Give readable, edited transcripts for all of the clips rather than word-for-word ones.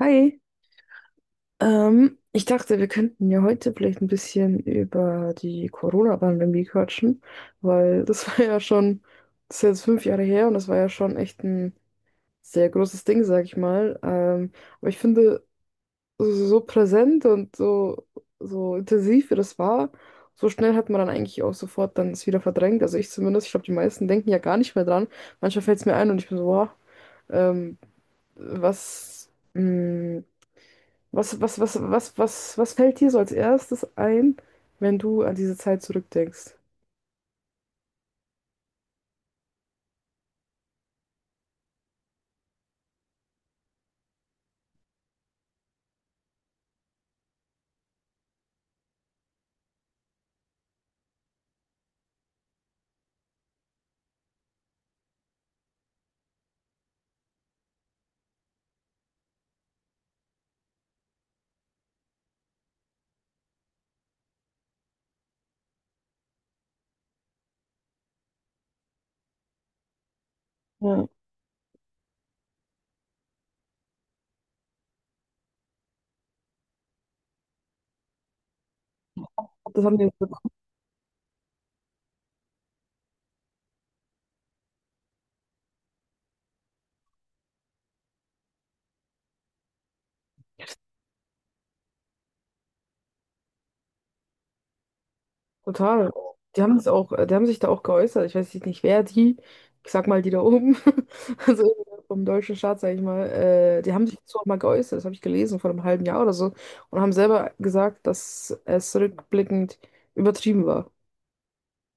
Hi, ich dachte, wir könnten ja heute vielleicht ein bisschen über die Corona-Pandemie quatschen, weil das war ja schon, das ist jetzt 5 Jahre her und das war ja schon echt ein sehr großes Ding, sag ich mal. Aber ich finde, so präsent und so, so intensiv wie das war, so schnell hat man dann eigentlich auch sofort dann es wieder verdrängt. Also ich zumindest, ich glaube, die meisten denken ja gar nicht mehr dran. Manchmal fällt es mir ein und ich bin so, boah, ähm, was. mh, was fällt dir so als erstes ein, wenn du an diese Zeit zurückdenkst? Ja. Das haben die total. Die haben es auch, die haben sich da auch geäußert. Ich weiß jetzt nicht, wer die, ich sag mal die da oben, also vom deutschen Staat, sag ich mal, die haben sich dazu auch mal geäußert. Das habe ich gelesen vor einem halben Jahr oder so und haben selber gesagt, dass es rückblickend übertrieben war.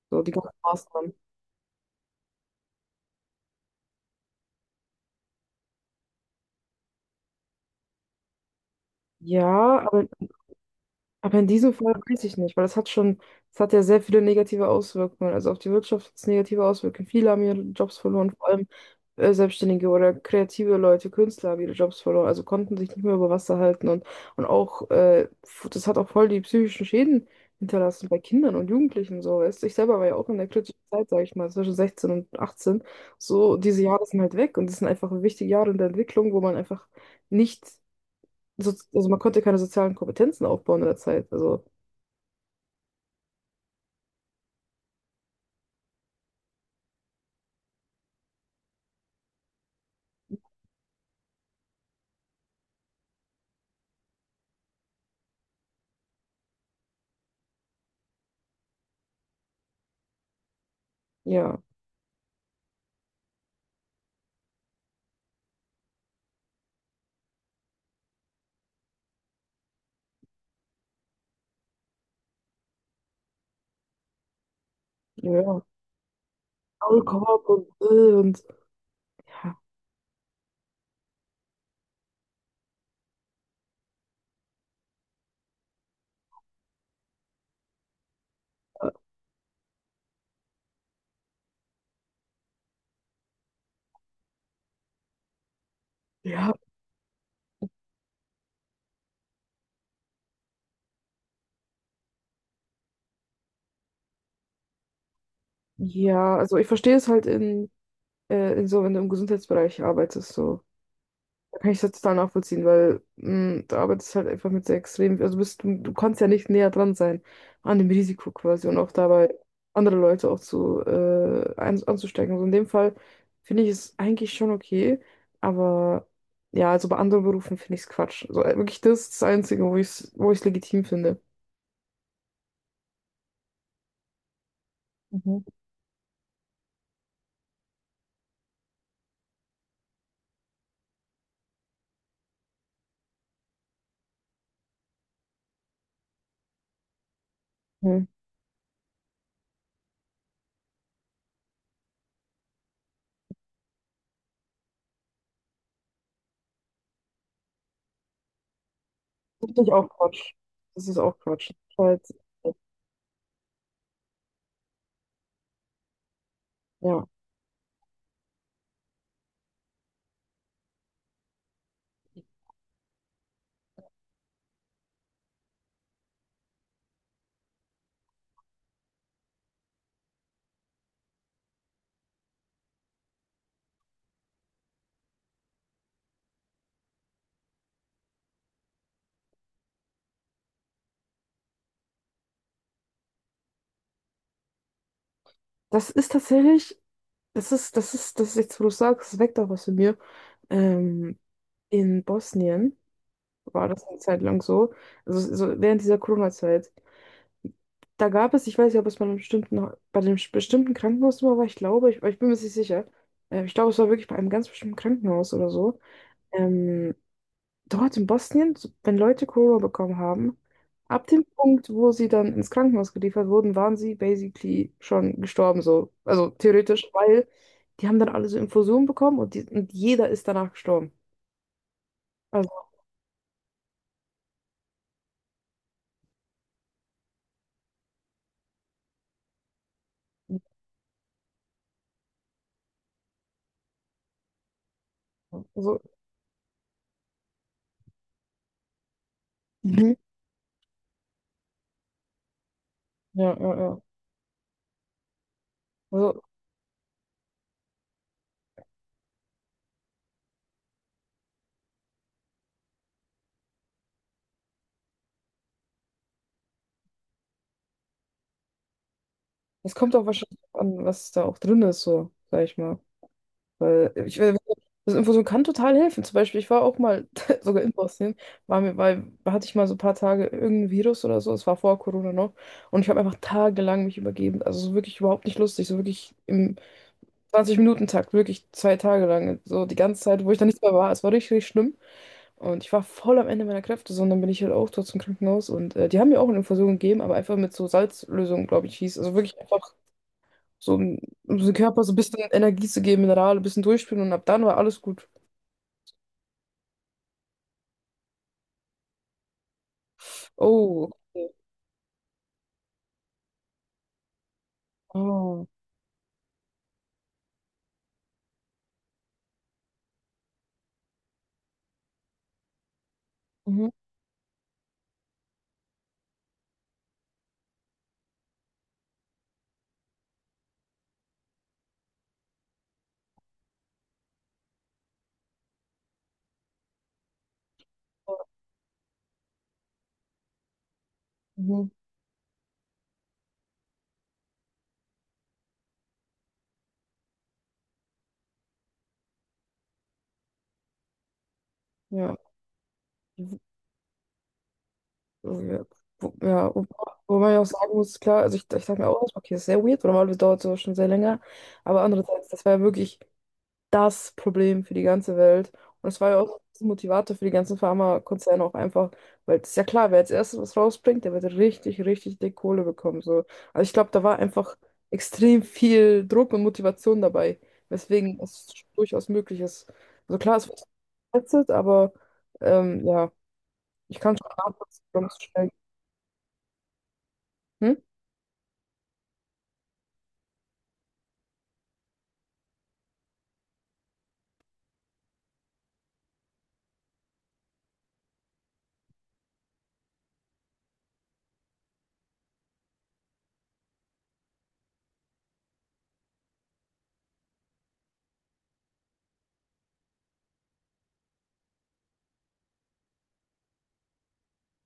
So, die ganzen Maßnahmen. Ja, aber Aber in diesem Fall weiß ich nicht, weil das hat schon, das hat ja sehr viele negative Auswirkungen. Also auf die Wirtschaft hat es negative Auswirkungen. Viele haben ihre Jobs verloren, vor allem Selbstständige oder kreative Leute, Künstler haben ihre Jobs verloren, also konnten sich nicht mehr über Wasser halten und auch, das hat auch voll die psychischen Schäden hinterlassen bei Kindern und Jugendlichen und so. Weißt du. Ich selber war ja auch in der kritischen Zeit, sage ich mal, zwischen 16 und 18. So, diese Jahre sind halt weg und das sind einfach wichtige Jahre in der Entwicklung, wo man einfach nicht so, also man konnte keine sozialen Kompetenzen aufbauen in der Zeit. Also ja, ja. Maulkorb und ja, ja, ja. Also ich verstehe es halt in so, wenn du im Gesundheitsbereich arbeitest, so. Da kann ich das total nachvollziehen, weil du arbeitest halt einfach mit sehr extrem, also bist, du kannst ja nicht näher dran sein an dem Risiko quasi und auch dabei andere Leute auch zu anzustecken. Also in dem Fall finde ich es eigentlich schon okay, aber ja, also bei anderen Berufen finde ich es Quatsch. Also wirklich das ist das Einzige, wo ich es legitim finde. Mhm. Natürlich auch Quatsch. Das ist auch Quatsch. Halt, äh, ja. Das ist tatsächlich, das ist jetzt, wo du sagst, es weckt auch was in mir. Ähm, in Bosnien war das eine Zeit lang so, also so während dieser Corona-Zeit. Da gab es, ich weiß nicht, ob es bei einem bestimmten, bei dem bestimmten Krankenhaus immer war, ich glaube, ich bin mir jetzt nicht sicher. Ich glaube, es war wirklich bei einem ganz bestimmten Krankenhaus oder so. Ähm, Dort in Bosnien, so- wenn Leute Corona bekommen haben, ab dem Punkt, wo sie dann ins Krankenhaus geliefert wurden, waren sie basically schon gestorben, so. Also theoretisch, weil die haben dann alle so Infusionen bekommen und, die, und jeder ist danach gestorben. Also, also mhm. Ja, ja, ja. Also, es kommt auch wahrscheinlich an, was da auch drin ist, so, sag ich mal. Weil ich, weil- Das Infusion kann total helfen. Zum Beispiel, ich war auch mal sogar in Bosnien, war mir, weil hatte ich mal so ein paar Tage irgendein Virus oder so, es war vor Corona noch. Und ich habe einfach tagelang mich übergeben. Also so wirklich überhaupt nicht lustig, so wirklich im 20-Minuten-Takt, wirklich 2 Tage lang. So die ganze Zeit, wo ich da nicht mehr war. Es war richtig, richtig schlimm. Und ich war voll am Ende meiner Kräfte, so, und dann bin ich halt auch dort zum Krankenhaus. Und die haben mir auch eine Infusion gegeben, aber einfach mit so Salzlösung, glaube ich, hieß. Also wirklich einfach so, um, um dem Körper so ein bisschen Energie zu geben, Minerale, ein bisschen durchspülen und ab dann war alles gut. Oh, okay. Oh. Mhm. Mhm. Ja. Oh, ja, wo wo man ja auch sagen muss, klar, also ich dachte mir auch, erstmal, okay, das ist sehr weird, weil normalerweise dauert sowas schon sehr länger, aber andererseits, das war ja wirklich, das Problem für die ganze Welt. Und es war ja auch ein Motivator für die ganzen Pharmakonzerne auch einfach, weil es ist ja klar, wer als erstes was rausbringt, der wird richtig, richtig dick Kohle bekommen. So. Also ich glaube, da war einfach extrem viel Druck und Motivation dabei, weswegen es durchaus möglich ist. Also klar, es wird getestet, aber ja, ich kann schon nachvollziehen, warum es so schnell geht. Hm?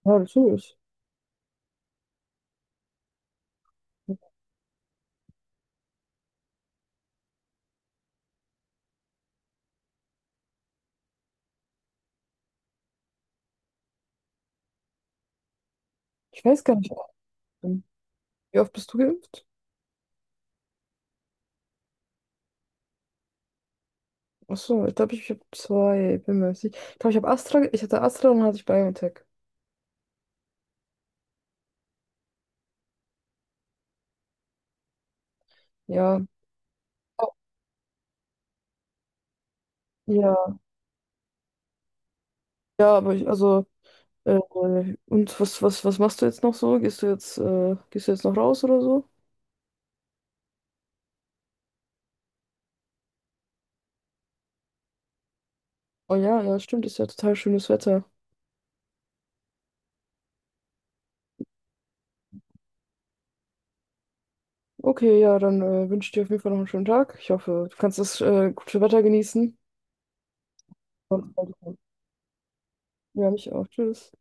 Ja, natürlich. Ich weiß gar nicht, ob ich bin. Wie oft bist du geimpft? Achso, ich glaube, ich habe zwei, bin mir nicht sicher. Ich glaube, ich hatte Astra und dann hatte ich BioNTech. Ja, ja, ja, aber ich, also, äh, und was machst du jetzt noch so? Gehst du jetzt noch raus oder so? Oh ja, ja, stimmt, ist ja total schönes Wetter. Okay, ja, dann wünsche ich dir auf jeden Fall noch einen schönen Tag. Ich hoffe, du kannst das gute Wetter genießen. Und, ja, mich auch. Tschüss.